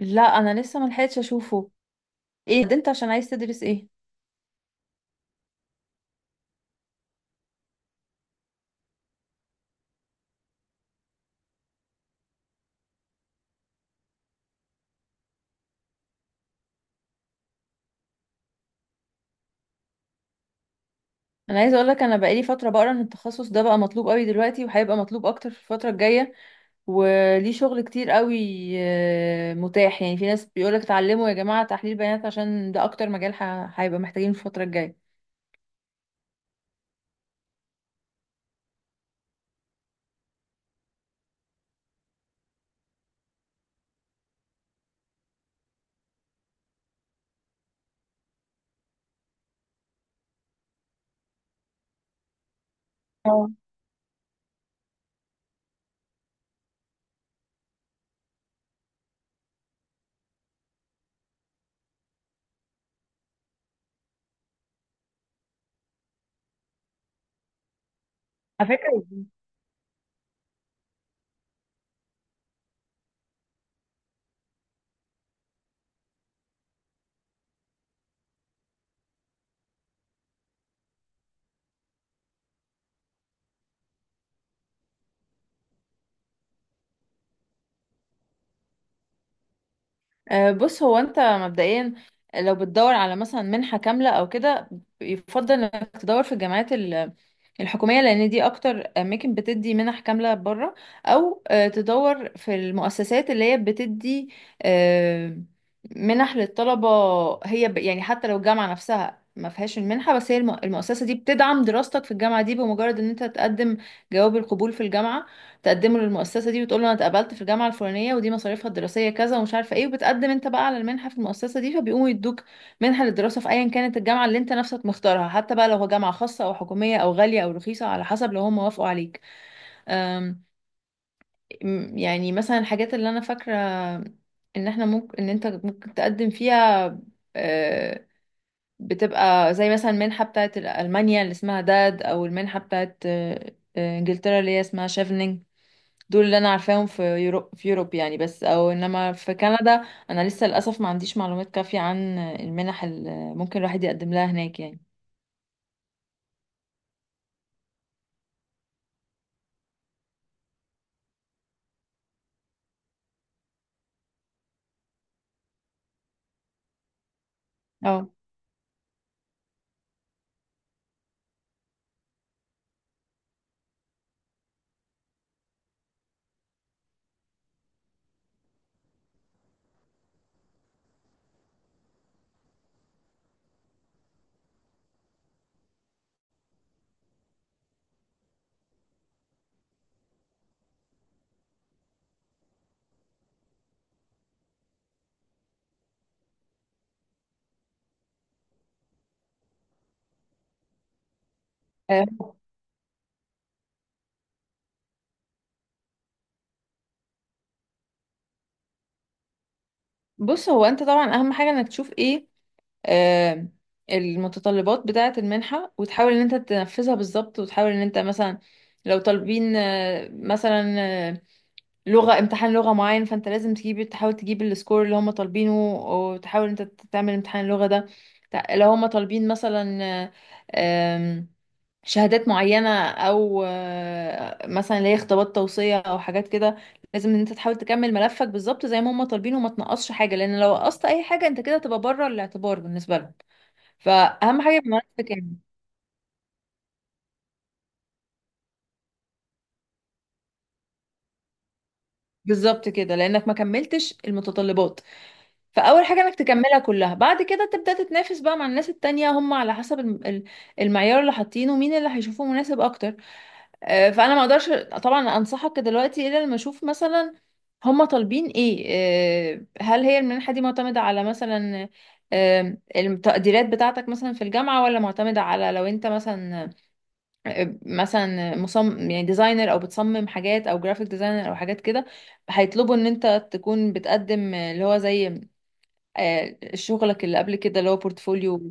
لا، انا لسه ما لحقتش اشوفه. ايه ده، انت عشان عايز تدرس ايه؟ انا عايزه اقول لك انا بقالي فتره بقرا ان التخصص ده بقى مطلوب قوي دلوقتي وهيبقى مطلوب اكتر في الفتره الجايه، وليه شغل كتير قوي. متاح، يعني في ناس بيقولك اتعلموا يا جماعه تحليل بيانات عشان ده اكتر مجال هيبقى محتاجينه في الفتره الجايه. اه، على فكرة. بص، هو انت مبدئيا لو بتدور على مثلا منحة كاملة او كده، يفضل انك تدور في الجامعات الحكومية، لان دي اكتر اماكن بتدي منح كاملة بره. او تدور في المؤسسات اللي هي بتدي آه، منح للطلبة. هي يعني حتى لو الجامعة نفسها ما فيهاش المنحة، بس هي المؤسسة دي بتدعم دراستك في الجامعة دي. بمجرد ان انت تقدم جواب القبول في الجامعة، تقدمه للمؤسسة دي وتقول له أنا اتقبلت في الجامعة الفلانية، ودي مصاريفها الدراسية كذا ومش عارفة إيه، وبتقدم أنت بقى على المنحة في المؤسسة دي، فبيقوموا يدوك منحة للدراسة في أيا كانت الجامعة اللي أنت نفسك مختارها. حتى بقى لو هو جامعة خاصة أو حكومية أو غالية أو رخيصة، على حسب لو هم وافقوا عليك. أم، يعني مثلا الحاجات اللي أنا فاكرة إن إحنا ممكن إن أنت ممكن تقدم فيها، أه، بتبقى زي مثلا المنحة بتاعت ألمانيا اللي اسمها داد، أو المنحة بتاعت أه، أه، إنجلترا اللي هي اسمها شيفنينج. دول اللي انا عارفاهم في يورو في يوروب يعني، بس او انما في كندا انا لسه للاسف ما عنديش معلومات كافية عن المنح اللي ممكن الواحد يقدم لها هناك يعني. اه. آه، بص، هو انت طبعا اهم حاجة انك تشوف ايه آه، المتطلبات بتاعة المنحة، وتحاول ان انت تنفذها بالظبط. وتحاول ان انت مثلا لو طالبين مثلا لغة، امتحان لغة معين، فانت لازم تجيب، تحاول تجيب السكور اللي هم طالبينه، وتحاول انت تعمل امتحان اللغة ده. لو هم طالبين مثلا آه، آم، شهادات معينة او مثلا اللي هي خطابات توصية او حاجات كده، لازم ان انت تحاول تكمل ملفك بالظبط زي ما هم طالبينه، وما تنقصش حاجة. لان لو نقصت اي حاجة انت كده تبقى بره الاعتبار بالنسبة لهم، فاهم حاجة؟ يبقى ملفك كامل. بالظبط كده، لانك ما كملتش المتطلبات. فاول حاجه انك تكملها كلها، بعد كده تبدا تتنافس بقى مع الناس التانية، هم على حسب المعيار اللي حاطينه مين اللي هيشوفه مناسب اكتر. فانا ما اقدرش طبعا انصحك دلوقتي الا لما اشوف مثلا هم طالبين ايه. هل هي المنحه دي معتمده على مثلا التقديرات بتاعتك مثلا في الجامعه، ولا معتمده على لو انت مثلا مثلا مصمم يعني ديزاينر، او بتصمم حاجات او جرافيك ديزاينر او حاجات كده، هيطلبوا ان انت تكون بتقدم اللي هو زي شغلك اللي قبل كده اللي هو بورتفوليو.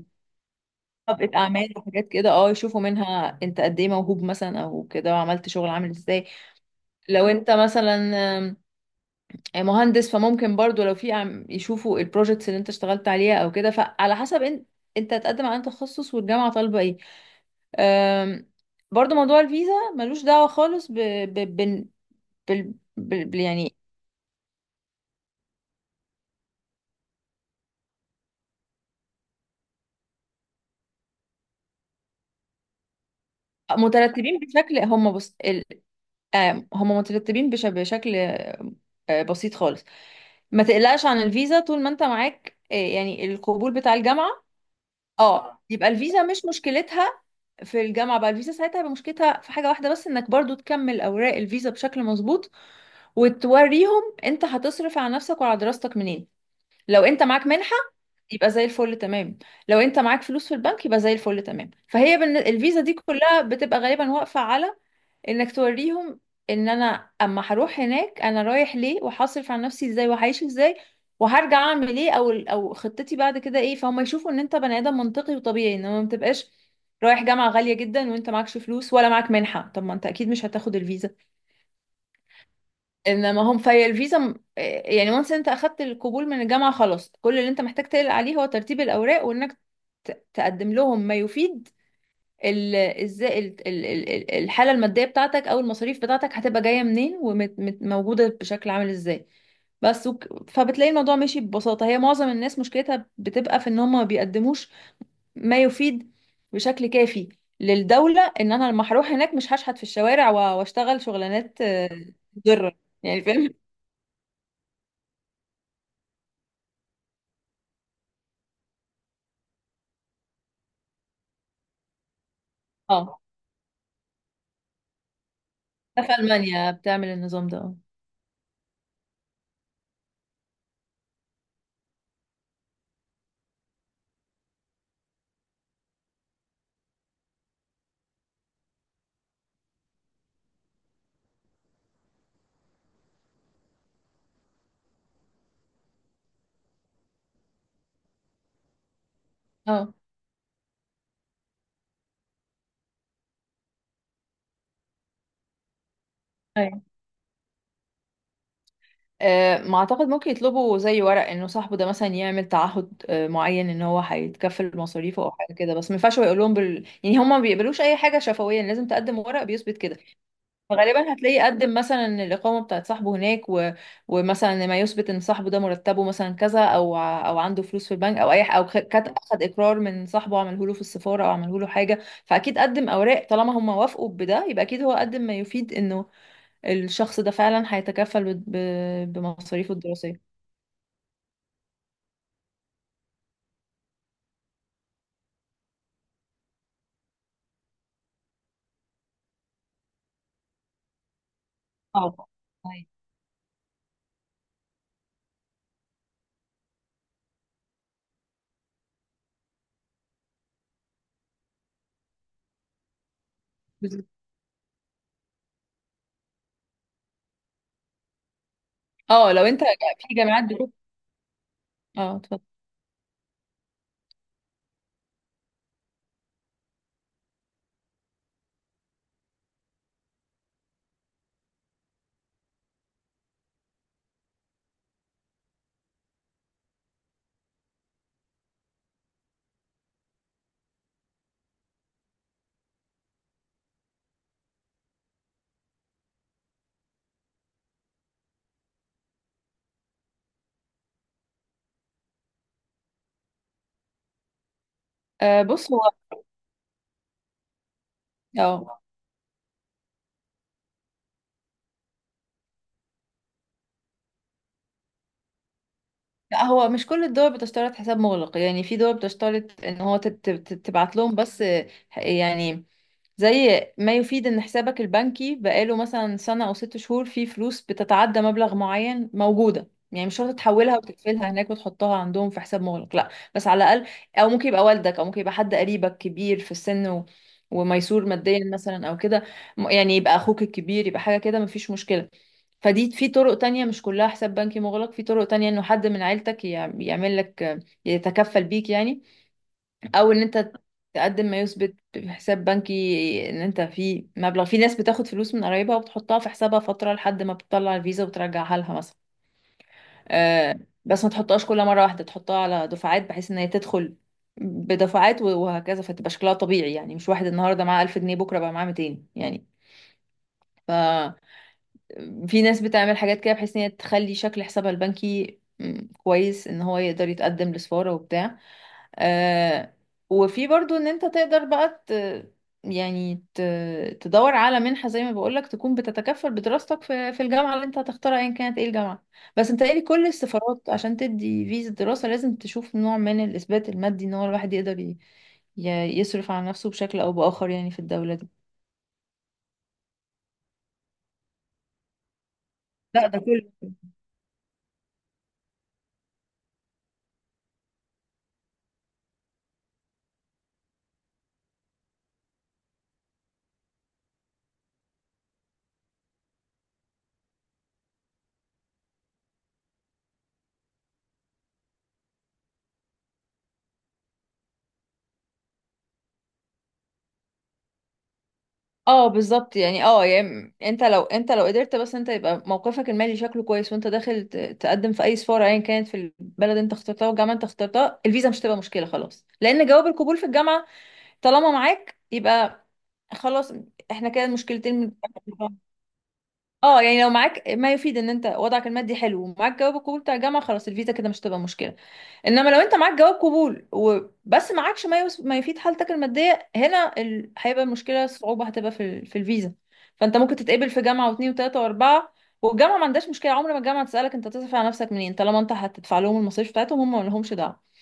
طبقة أعمال وحاجات كده، اه، يشوفوا منها أنت قد إيه موهوب مثلا أو كده، وعملت شغل عامل إزاي. لو أنت مثلا آم، آه، مهندس، فممكن برضو لو في يشوفوا البروجيكتس اللي أنت اشتغلت عليها أو كده. فعلى حسب أنت، هتقدم على أنهي تخصص، والجامعة طالبة إيه. آم، برضو موضوع الفيزا ملوش دعوة خالص ب... ب... بال... بال... بال... يعني، مترتبين بشكل، هم، بص ال... آم، هم مترتبين بشكل بسيط خالص. ما تقلقش عن الفيزا طول ما انت معاك يعني القبول بتاع الجامعة. اه، يبقى الفيزا مش مشكلتها في الجامعة. بقى الفيزا ساعتها هيبقى مشكلتها في حاجة واحدة بس، انك برضو تكمل اوراق الفيزا بشكل مظبوط، وتوريهم انت هتصرف على نفسك وعلى دراستك منين. لو انت معاك منحة يبقى زي الفل تمام، لو انت معاك فلوس في البنك يبقى زي الفل تمام. فهي الفيزا دي كلها بتبقى غالبا واقفة على انك توريهم ان انا اما هروح هناك انا رايح ليه، وهصرف على نفسي ازاي، وهعيش ازاي، وهرجع اعمل ايه، او او خطتي بعد كده ايه. فهم يشوفوا ان انت بني ادم منطقي وطبيعي، انما ما تبقاش رايح جامعة غالية جدا وانت معكش فلوس ولا معاك منحة. طب ما انت اكيد مش هتاخد الفيزا. انما هم في الفيزا يعني وانس انت اخدت القبول من الجامعة خلاص، كل اللي انت محتاج تقلق عليه هو ترتيب الاوراق، وانك تقدم لهم ما يفيد ازاي الحاله الماديه بتاعتك او المصاريف بتاعتك هتبقى جايه منين، وموجوده بشكل عامل ازاي. بس. فبتلاقي الموضوع ماشي ببساطه. هي معظم الناس مشكلتها بتبقى في ان هم ما بيقدموش ما يفيد بشكل كافي للدوله ان انا لما هروح هناك مش هشحت في الشوارع واشتغل شغلانات مضره، يعني، فاهم؟ اه، في المانيا بتعمل النظام ده. اه. اه ما اعتقد ممكن يطلبوا زي ورق انه صاحبه ده مثلا يعمل تعهد معين، ان هو هيتكفل مصاريفه او حاجه كده. بس ما ينفعش هو يقول لهم يعني هم ما بيقبلوش اي حاجه شفويه، لازم تقدم ورق بيثبت كده. فغالبا هتلاقيه قدم مثلا إن الاقامه بتاعت صاحبه هناك، و... ومثلا ما يثبت ان صاحبه ده مرتبه مثلا كذا، او او عنده فلوس في البنك، او اي او اخد اقرار من صاحبه عمله له في السفاره، او عمله له حاجه. فاكيد قدم اوراق طالما هم وافقوا بده. يبقى اكيد هو قدم ما يفيد انه الشخص ده فعلا هيتكفل بمصاريفه الدراسية. صعب. أيوة. بالظبط. اه، لو انت في جامعات دلوقتي. اه، اتفضل. آه، بص، هو. اه، لا، هو مش كل الدول بتشترط حساب مغلق. يعني في دول بتشترط ان هو تبعت لهم بس يعني زي ما يفيد ان حسابك البنكي بقاله مثلا سنة او ست شهور، فيه فلوس بتتعدى مبلغ معين موجودة. يعني مش شرط تحولها وتقفلها هناك وتحطها عندهم في حساب مغلق، لا، بس على الاقل. او ممكن يبقى والدك، او ممكن يبقى حد قريبك كبير في السن، و... وميسور ماديا مثلا او كده. يعني يبقى اخوك الكبير، يبقى حاجة كده، مفيش مشكلة. فدي في طرق تانية، مش كلها حساب بنكي مغلق. في طرق تانية انه حد من عيلتك يعمل لك، يتكفل بيك يعني. او ان انت تقدم ما يثبت في حساب بنكي ان انت في مبلغ. في ناس بتاخد فلوس من قرايبها وبتحطها في حسابها فترة لحد ما بتطلع الفيزا وترجعها لها مثلا. آه، بس ما تحطهاش كل مرة واحدة، تحطها على دفعات بحيث ان هي تدخل بدفعات، وهكذا، فتبقى شكلها طبيعي يعني. مش واحد النهارده معاه 1000 جنيه بكرة بقى معاه 200 يعني. ف في ناس بتعمل حاجات كده بحيث ان هي تخلي شكل حسابها البنكي كويس، ان هو يقدر يتقدم لسفارة وبتاع. آه. وفي برضو ان انت تقدر بقى يعني تدور على منحة زي ما بقولك، تكون بتتكفل بدراستك في، في الجامعة اللي انت هتختارها ايا كانت ايه الجامعة. بس انت لي كل السفارات عشان تدي فيزا دراسة لازم تشوف نوع من الإثبات المادي ان هو الواحد يقدر يصرف على نفسه بشكل او بآخر يعني في الدولة دي. لا، ده كله. اه، بالظبط يعني. اه يعني، انت لو لو قدرت، بس انت يبقى موقفك المالي شكله كويس، وانت داخل تقدم في اي سفاره ايا كانت في البلد انت اخترتها والجامعه انت اخترتها، الفيزا مش هتبقى مشكله خلاص. لان جواب القبول في الجامعه طالما معاك يبقى خلاص، احنا كده المشكلتين. اه يعني، لو معاك ما يفيد ان انت وضعك المادي حلو، ومعاك جواب القبول بتاع الجامعه، خلاص الفيزا كده مش هتبقى مشكله. انما لو انت معاك جواب قبول وبس، معاكش ما ما يفيد حالتك الماديه هنا هيبقى المشكله، الصعوبه هتبقى في في الفيزا. فانت ممكن تتقبل في جامعه واثنين وثلاثه واربعه، والجامعه ما عندهاش مشكله. عمر ما الجامعه تسالك انت تصرف على نفسك منين، طالما انت هتدفع لهم المصاريف بتاعتهم هم ما لهمش دعوه.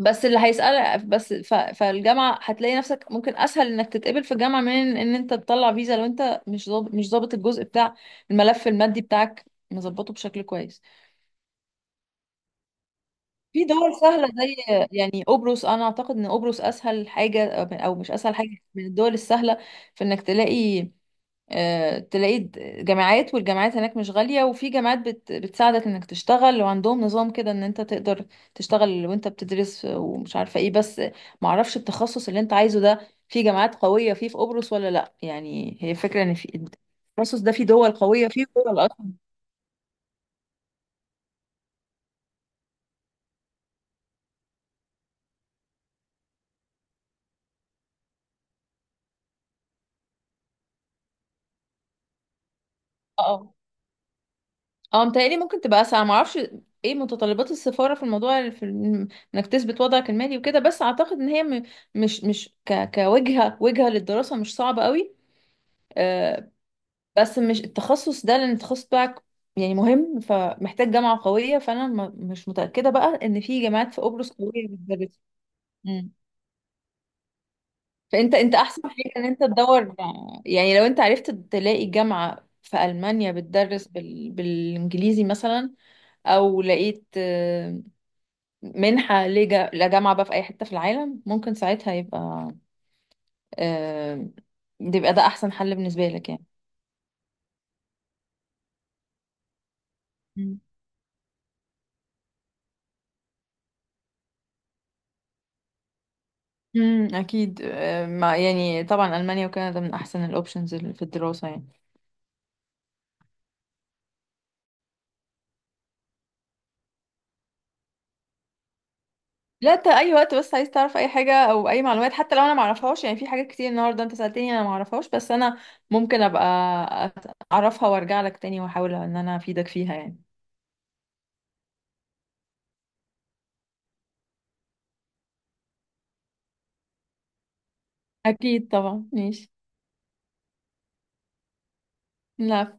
بس اللي هيسأل بس فالجامعة هتلاقي نفسك ممكن أسهل إنك تتقبل في الجامعة من إن أنت تطلع فيزا، لو أنت مش ضابط، الجزء بتاع الملف المادي بتاعك، مظبطه بشكل كويس. في دول سهلة زي يعني قبرص. أنا أعتقد إن قبرص أسهل حاجة، أو مش أسهل حاجة، من الدول السهلة في إنك تلاقي تلاقي جامعات. والجامعات هناك مش غالية، وفي جامعات بتساعدك انك تشتغل، وعندهم نظام كده ان انت تقدر تشتغل وانت بتدرس، ومش عارفة ايه. بس معرفش التخصص اللي انت عايزه ده في جامعات قوية فيه في قبرص ولا لا. يعني هي فكرة ان في التخصص ده في دول قوية فيه، في دول اصلا. اه. اه، متهيألي ممكن تبقى اسهل، ما اعرفش ايه متطلبات السفاره في الموضوع، في انك تثبت وضعك المالي وكده. بس اعتقد ان هي مش مش ك كوجهه، وجهه للدراسه مش صعبه قوي. آه، بس مش التخصص ده، لان التخصص بتاعك يعني مهم، فمحتاج جامعه قويه، فانا مش متاكده بقى ان في جامعات في قبرص قويه بتدرس. مم. فانت، احسن حاجه ان انت تدور. يعني لو انت عرفت تلاقي جامعه في المانيا بتدرس بالانجليزي مثلا، او لقيت منحة لجامعة بقى في أي حتة في العالم، ممكن ساعتها يبقى آه، يبقى ده أحسن حل بالنسبة لك يعني. مم. امم، اكيد. ما يعني طبعا المانيا وكندا من احسن الاوبشنز في الدراسه يعني. لا، انت اي وقت بس عايز تعرف اي حاجه او اي معلومات، حتى لو انا ما اعرفهاش. يعني في حاجات كتير النهارده انت سالتني انا ما اعرفهاش، بس انا ممكن ابقى اعرفها وارجع لك تاني، واحاول ان انا افيدك فيها يعني. اكيد طبعا، ماشي. لا.